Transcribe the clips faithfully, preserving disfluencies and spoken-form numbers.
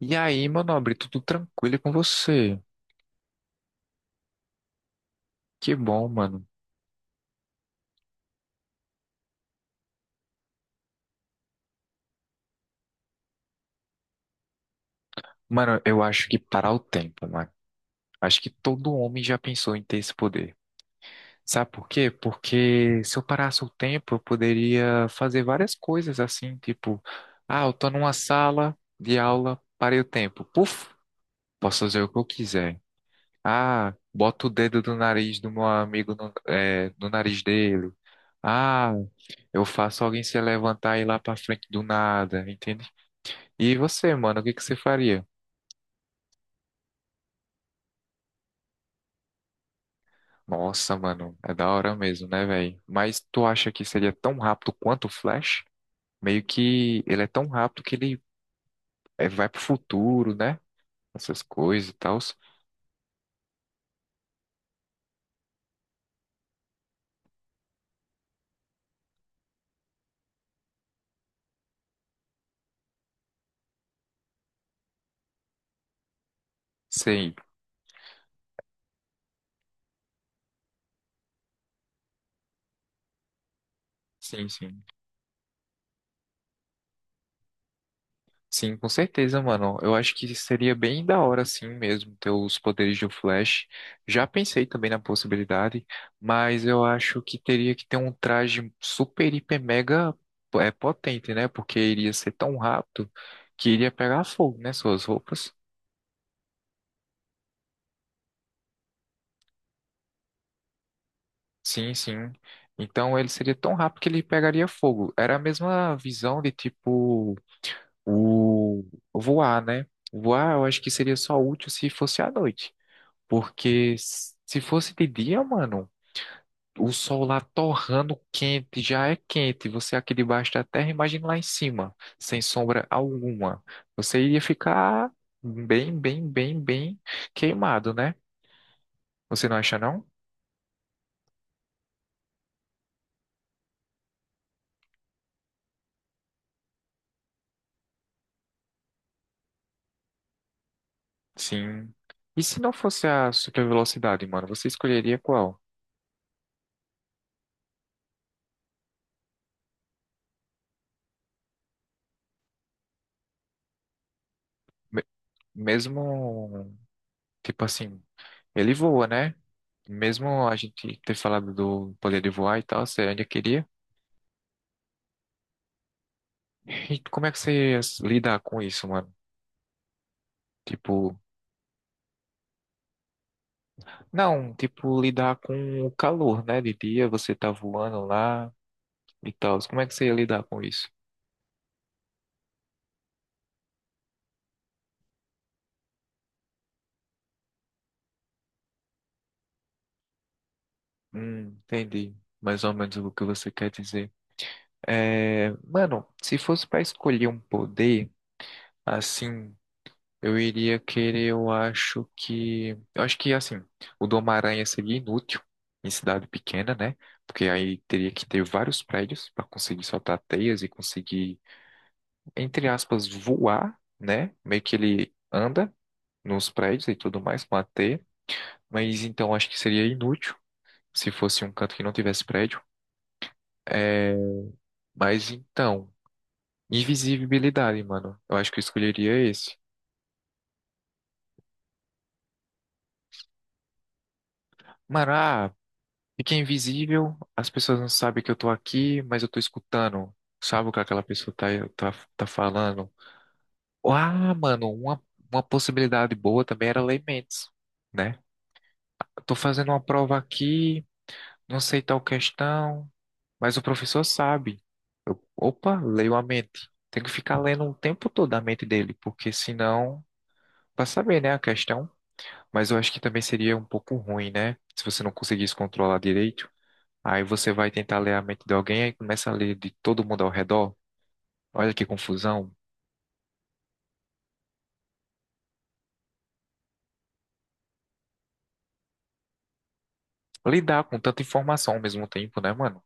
E aí, meu nobre, tudo tranquilo com você? Que bom, mano. Mano, eu acho que parar o tempo, mano. Acho que todo homem já pensou em ter esse poder. Sabe por quê? Porque se eu parasse o tempo, eu poderia fazer várias coisas assim, tipo, ah, eu tô numa sala de aula, parei o tempo. Puf, posso fazer o que eu quiser. Ah, boto o dedo do nariz do meu amigo no, é, no nariz dele. Ah, eu faço alguém se levantar e ir lá pra frente do nada, E você, mano, o que que você faria? Nossa, mano, é da hora mesmo, né, velho? Mas tu acha que seria tão rápido quanto o Flash? Meio que ele é tão rápido que ele eh, vai pro futuro, né? Essas coisas e tal. Sei. Sim, sim. Sim, com certeza, mano. Eu acho que seria bem da hora, assim mesmo, ter os poderes do Flash. Já pensei também na possibilidade, mas eu acho que teria que ter um traje super, hiper, mega é, potente, né? Porque iria ser tão rápido que iria pegar fogo, né? Suas roupas. Sim, sim. Então ele seria tão rápido que ele pegaria fogo. Era a mesma visão de tipo o voar, né? Voar eu acho que seria só útil se fosse à noite. Porque se fosse de dia, mano, o sol lá torrando quente, já é quente. Você aqui debaixo da terra, imagina lá em cima, sem sombra alguma. Você iria ficar bem, bem, bem, bem queimado, né? Você não acha, não? Sim. E se não fosse a super velocidade, mano, você escolheria qual? Me- Mesmo, tipo assim, ele voa, né? Mesmo a gente ter falado do poder de voar e tal, você ainda queria? E como é que você lida com isso, mano? Tipo, não, tipo, lidar com o calor, né? De dia você tá voando lá e tal. Como é que você ia lidar com isso? Hum, entendi. Mais ou menos o que você quer dizer. É, mano, se fosse pra escolher um poder, assim, eu iria querer, eu acho que. Eu acho que, assim, o do Homem-Aranha seria inútil em cidade pequena, né? Porque aí teria que ter vários prédios pra conseguir soltar teias e conseguir entre aspas, voar, né? Meio que ele anda nos prédios e tudo mais com a teia, mas então acho que seria inútil se fosse um canto que não tivesse prédio. É, mas então, invisibilidade, mano. Eu aano acho que eu escolheria esse. Mano, ah, fica invisível, as pessoas não sabem que eu tô aqui, mas eu tô escutando. Sabe o que aquela pessoa tá, tá, tá falando? Ah, mano, uma, uma possibilidade boa também era Laymates, né? Eu tô fazendo uma prova aqui. Não sei tal questão, mas o professor sabe. Eu, opa, leio a mente. Tenho que ficar lendo o tempo todo a mente dele, porque senão, para saber, né, a questão. Mas eu acho que também seria um pouco ruim, né? Se você não conseguisse controlar direito. Aí você vai tentar ler a mente de alguém e começa a ler de todo mundo ao redor. Olha que confusão. Lidar com tanta informação ao mesmo tempo, né, mano?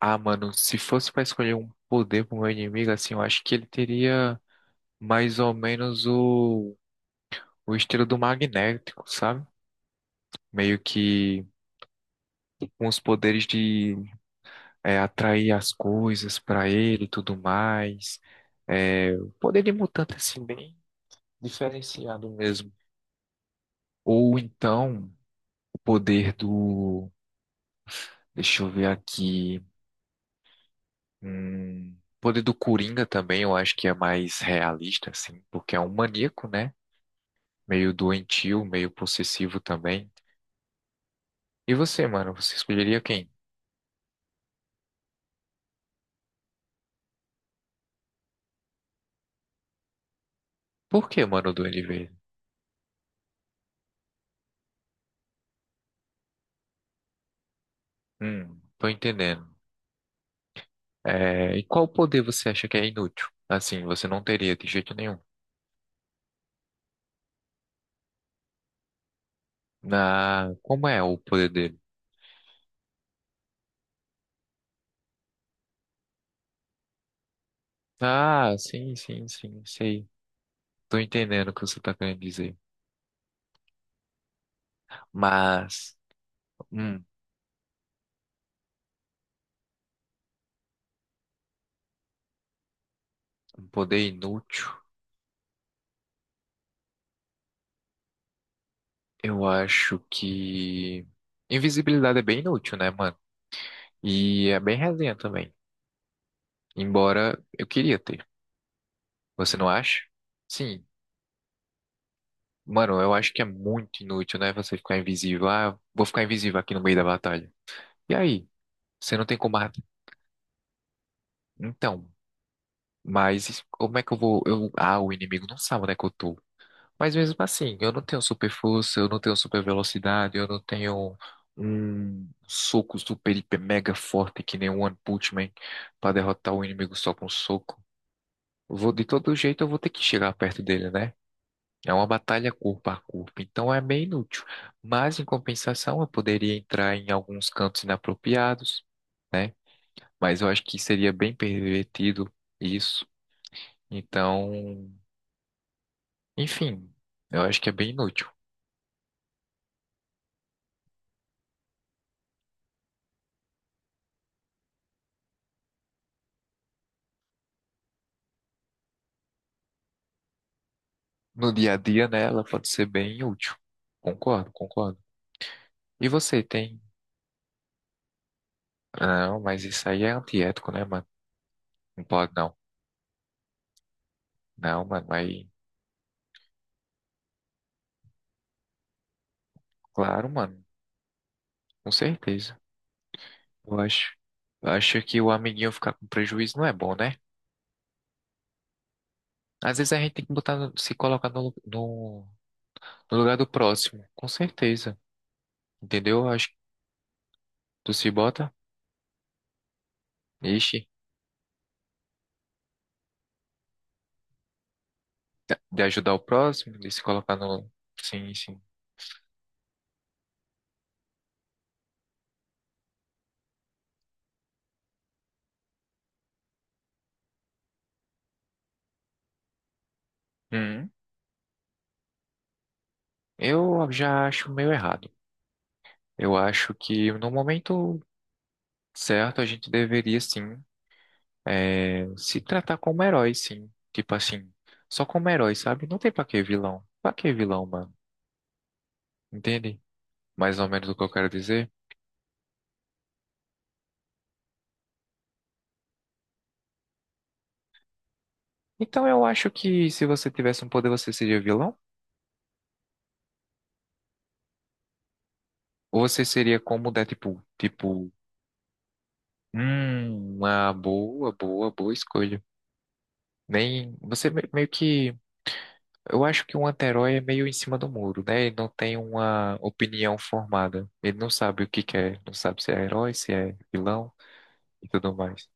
Ah, mano, se fosse para escolher um poder pro meu inimigo, assim, eu acho que ele teria mais ou menos o o estilo do magnético, sabe? Meio que com os poderes de é, atrair as coisas pra ele e tudo mais. É, o poder de mutante, assim, bem diferenciado mesmo. Ou então, o poder do. Deixa eu ver aqui. Hum, o poder do Coringa também, eu acho que é mais realista, assim, porque é um maníaco, né? Meio doentio, meio possessivo também. E você, mano, você escolheria quem? Por que, mano, o Duende Verde? Hum, tô entendendo. É, e qual poder você acha que é inútil? Assim, você não teria de jeito nenhum. Na, como é o poder dele? Ah, sim, sim, sim, sei. Tô entendendo o que você tá querendo dizer. Mas, hum, um poder inútil, eu acho que invisibilidade é bem inútil, né, mano? E é bem resenha também. Embora eu queria ter. Você não acha? Sim. Mano, eu acho que é muito inútil, né? Você ficar invisível. Ah, vou ficar invisível aqui no meio da batalha. E aí? Você não tem como. Então, mas como é que eu vou? Eu, ah, o inimigo não sabe onde é que eu tô. Mas mesmo assim, eu não tenho super força, eu não tenho super velocidade, eu não tenho um soco super, hiper, mega forte que nem o One Punch Man pra derrotar o inimigo só com um soco. Vou, de todo jeito, eu vou ter que chegar perto dele, né? É uma batalha corpo a corpo, então é meio inútil. Mas, em compensação, eu poderia entrar em alguns cantos inapropriados, né? Mas eu acho que seria bem pervertido isso. Então, enfim, eu acho que é bem inútil. No dia a dia, né, ela pode ser bem útil. Concordo, concordo. E você tem? Ah, não, mas isso aí é antiético, né, mano? Não pode não. Não, mano, mas claro, mano, com certeza. Eu acho, eu acho que o amiguinho ficar com prejuízo não é bom, né? Às vezes a gente tem que botar, no- se colocar no, no, no lugar do próximo, com certeza. Entendeu? Eu acho que tu se bota, ixi, de de ajudar o próximo, de se colocar no. Sim, sim. Uhum. Eu já acho meio errado. Eu acho que no momento certo a gente deveria sim eh, se tratar como herói, sim. Tipo assim, só como herói, sabe? Não tem pra que vilão. Pra que vilão, mano? Entende? Mais ou menos o que eu quero dizer. Então eu acho que se você tivesse um poder, você seria vilão? Ou você seria como o Deadpool? Tipo, hum, uma boa, boa, boa escolha. Nem. Você me- meio que. Eu acho que um anti-herói é meio em cima do muro, né? Ele não tem uma opinião formada. Ele não sabe o que quer, não sabe se é herói, se é vilão e tudo mais.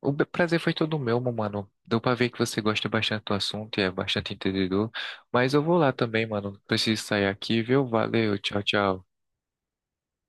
O be- prazer foi todo meu, meu mano. Deu pra ver que você gosta bastante do assunto e é bastante entendedor. Mas eu vou lá também, mano. Preciso sair aqui, viu? Valeu, tchau, tchau.